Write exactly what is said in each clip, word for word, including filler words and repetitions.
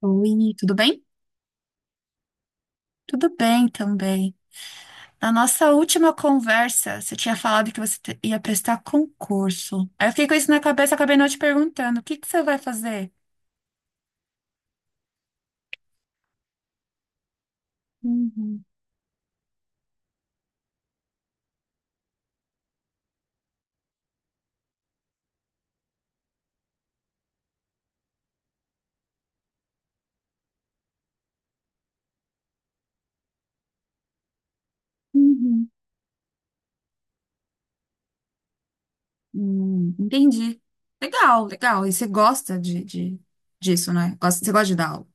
Oi, tudo bem? Tudo bem também. Na nossa última conversa, você tinha falado que você te- ia prestar concurso. Aí eu fiquei com isso na cabeça, acabei não te perguntando, o que que você vai fazer? Uhum, uhum. Hum, entendi. Legal, legal. E você gosta de, de- disso, né? Gosta, você gosta de dar aula.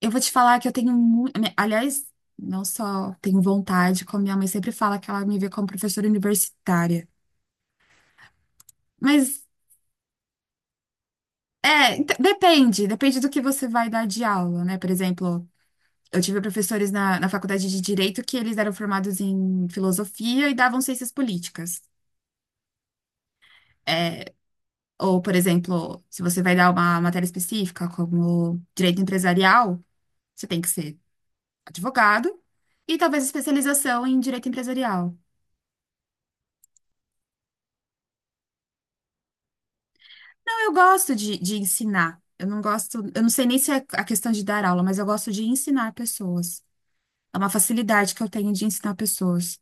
Eu vou te falar que eu tenho muito. Aliás, não só tenho vontade, como minha mãe sempre fala que ela me vê como professora universitária. Mas É, ent- depende, depende do que você vai dar de aula, né? Por exemplo, eu tive professores na, na faculdade de Direito que eles eram formados em filosofia e davam ciências políticas. É, Ou, por exemplo, se você vai dar uma matéria específica, como direito empresarial, você tem que ser advogado e talvez especialização em direito empresarial. Não, eu gosto de, de ensinar. Eu não gosto, eu não sei nem se é a questão de dar aula, mas eu gosto de ensinar pessoas. É uma facilidade que eu tenho de ensinar pessoas.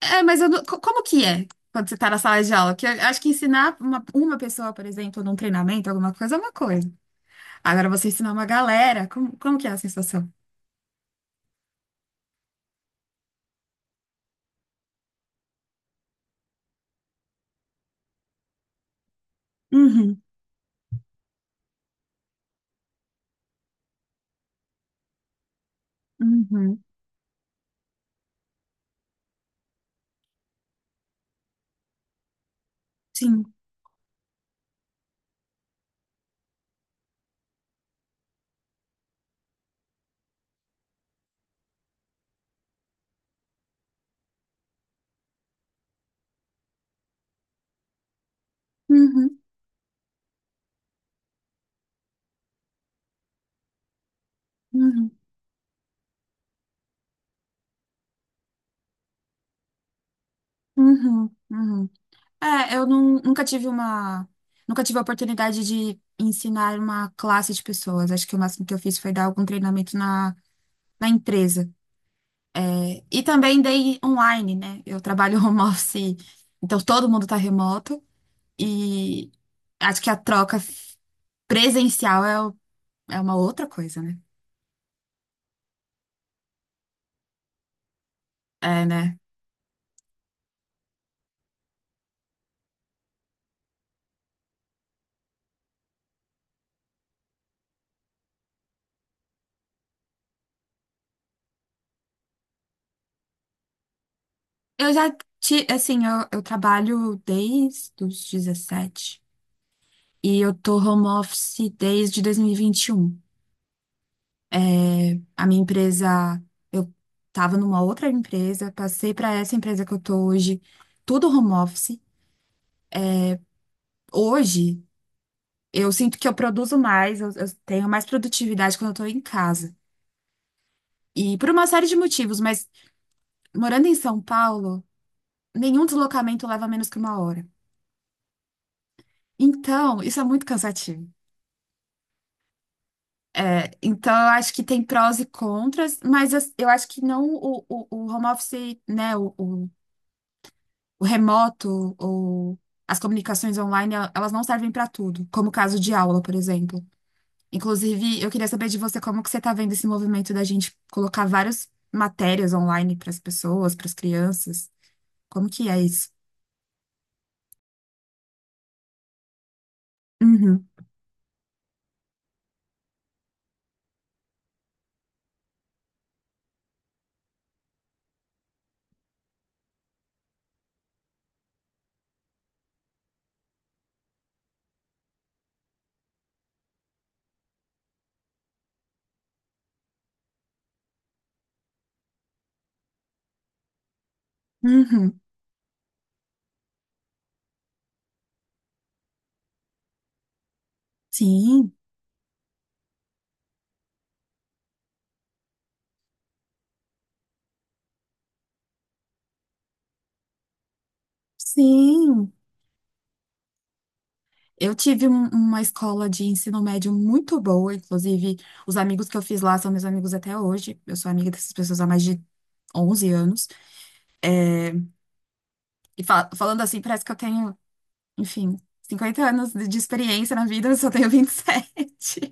É, mas eu não- co- como que é quando você tá na sala de aula? Que eu acho que ensinar uma, uma pessoa, por exemplo, num treinamento, alguma coisa, é uma coisa. Agora você ensinar uma galera, como, como que é a sensação? Uhum, uhum, sim. Uhum, uhum, uhum, uhum. É, eu nun- nunca tive uma, nunca tive a oportunidade de ensinar uma classe de pessoas. Acho que o máximo que eu fiz foi dar algum treinamento na, na empresa. É, e também dei online, né? Eu trabalho home office, então todo mundo tá remoto. E acho que a troca presencial é, o- é uma outra coisa, né? É, né? Eu já, ti- assim, eu, eu trabalho desde os dezessete e eu tô home office desde dois mil e e vinte e um. A minha empresa, eu tava numa outra empresa, passei pra essa empresa que eu tô hoje, tudo home office. Hoje, eu sinto que eu produzo mais, eu, eu tenho mais produtividade quando eu tô em casa. E por uma série de motivos, mas morando em São Paulo. Nenhum deslocamento leva menos que uma hora. Então, isso é muito cansativo. É, então, eu acho que tem prós e contras, mas as- eu acho que não o, o, o home office, né, o, o, o remoto, o, as comunicações online, el- elas não servem para tudo, como o caso de aula, por exemplo. Inclusive, eu queria saber de você como que você está vendo esse movimento da gente colocar várias matérias online para as pessoas, para as crianças. Como que é isso? Uhum, uhum. Sim, sim. Eu tive um- uma escola de ensino médio muito boa, inclusive os amigos que eu fiz lá são meus amigos até hoje. Eu sou amiga dessas pessoas há mais de onze anos. E fa- falando assim, parece que eu tenho, enfim, cinquenta anos de de experiência na vida, eu só tenho vinte e sete. E, sete.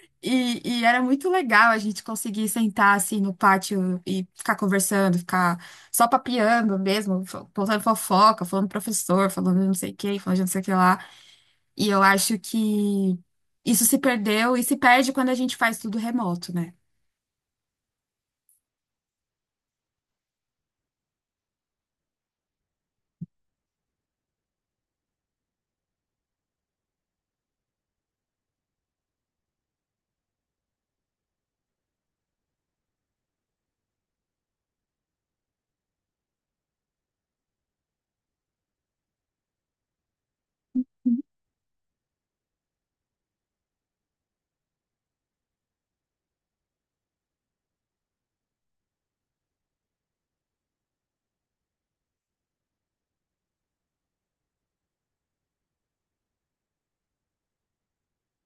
e e era muito legal a gente conseguir sentar assim no pátio e ficar conversando, ficar só papeando mesmo, fo- contando fofoca, falando do professor, falando de não sei quem, falando de não sei o que lá. E eu acho que isso se perdeu e se perde quando a gente faz tudo remoto, né?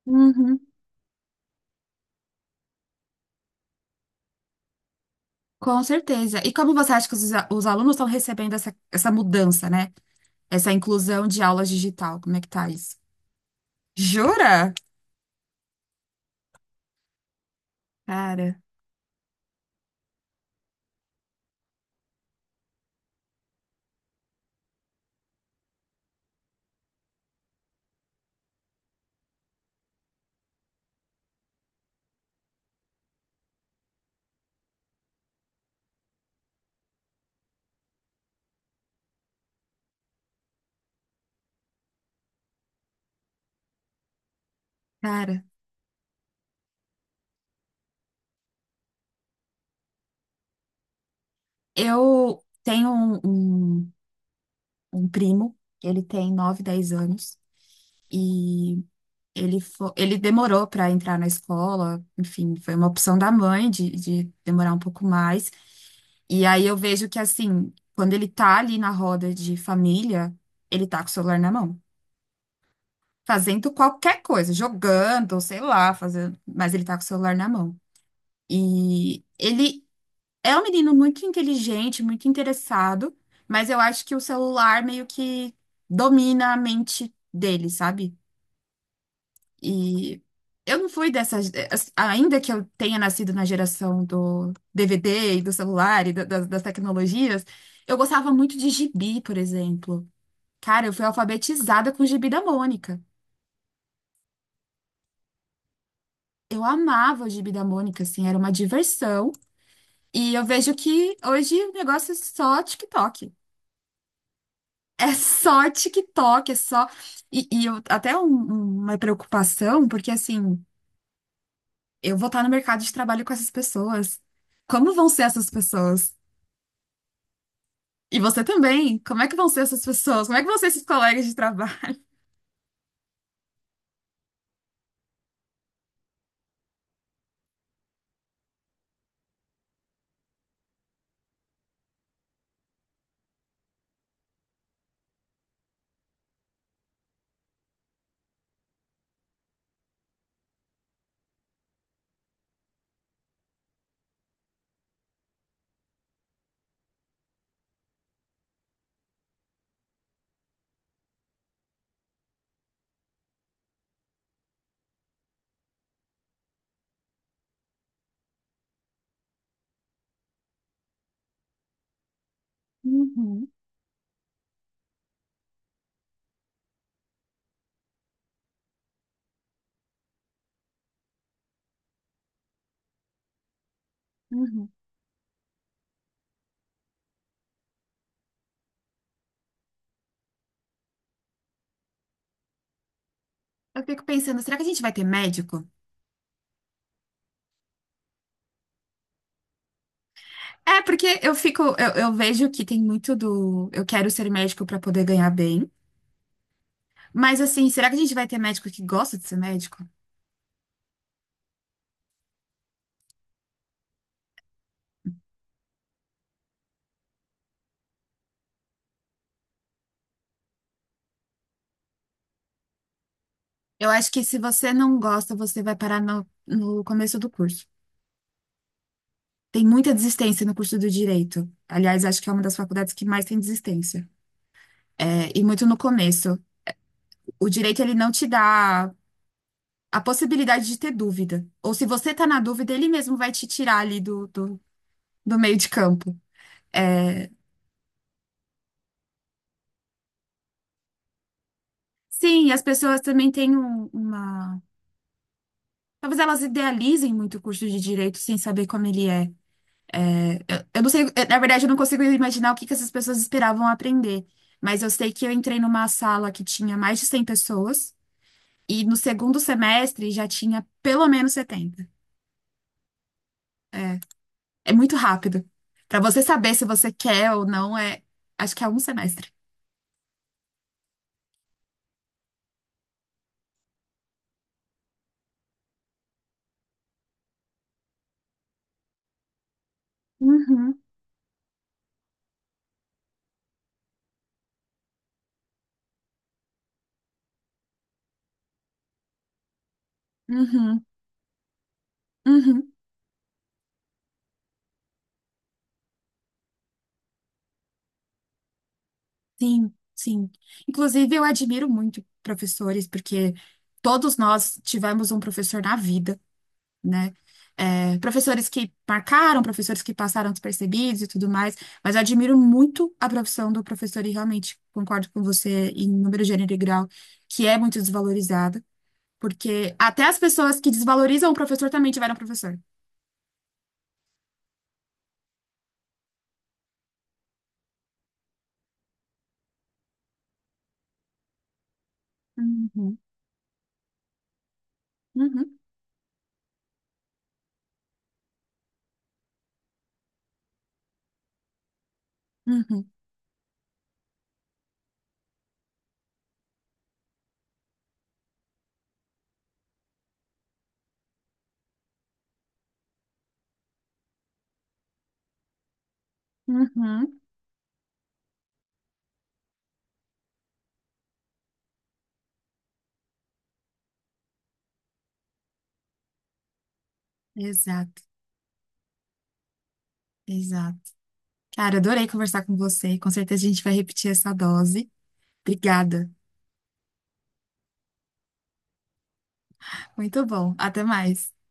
Uhum. Com certeza. E como você acha que os, a- os alunos estão recebendo essa, essa mudança, né? Essa inclusão de aulas digital? Como é que tá isso? Jura? Cara, cara. Eu tenho um, um, um primo, ele tem nove dez anos, e Ele, fo- ele demorou para entrar na escola, enfim, foi uma opção da mãe de, de demorar um pouco mais. E aí eu vejo que, assim, quando ele tá ali na roda de família, ele tá com o celular na mão, fazendo qualquer coisa, jogando, ou sei lá, fazendo, mas ele tá com o celular na mão. E ele é um menino muito inteligente, muito interessado, mas eu acho que o celular meio que domina a mente dele, sabe? E eu não fui dessas. Ainda que eu tenha nascido na geração do D V D e do celular e da- das das tecnologias, eu gostava muito de gibi, por exemplo. Cara, eu fui alfabetizada com o gibi da Mônica. Eu amava o gibi da Mônica, assim, era uma diversão. E eu vejo que hoje o negócio é só TikTok. É só TikTok, é só. E, e eu, até um- uma preocupação, porque assim, eu vou estar no mercado de trabalho com essas pessoas. Como vão ser essas pessoas? E você também? Como é que vão ser essas pessoas? Como é que vão ser esses colegas de trabalho? Uhum, uhum. Eu fico pensando, será que a gente vai ter médico? É, porque eu fico, eu, eu vejo que tem muito do eu quero ser médico para poder ganhar bem. Mas assim, será que a gente vai ter médico que gosta de ser médico? Eu acho que se você não gosta, você vai parar no, no começo do curso. Tem muita desistência no curso do direito. Aliás, acho que é uma das faculdades que mais tem desistência. É, e muito no começo. O direito, ele não te dá a possibilidade de ter dúvida. Ou se você tá na dúvida, ele mesmo vai te tirar ali do, do, do meio de campo. É, sim, e as pessoas também têm um- uma. Talvez elas idealizem muito o curso de direito sem saber como ele é. É, eu, eu não sei, eu, na verdade, eu não consigo imaginar o que que essas pessoas esperavam aprender. Mas eu sei que eu entrei numa sala que tinha mais de cem pessoas e no segundo semestre já tinha pelo menos setenta. É, é muito rápido. Pra você saber se você quer ou não, é, acho que é um semestre. Uhum, uhum, uhum. Sim, sim. Inclusive, eu admiro muito professores, porque todos nós tivemos um professor na vida, né? É, professores que marcaram, professores que passaram despercebidos e tudo mais, mas eu admiro muito a profissão do professor e realmente concordo com você em número, gênero e grau, que é muito desvalorizada, porque até as pessoas que desvalorizam o professor também tiveram professor. Uhum, uhum, uhum, uhum. Exato, exato. Cara, adorei conversar com você. Com certeza a gente vai repetir essa dose. Obrigada. Muito bom. Até mais.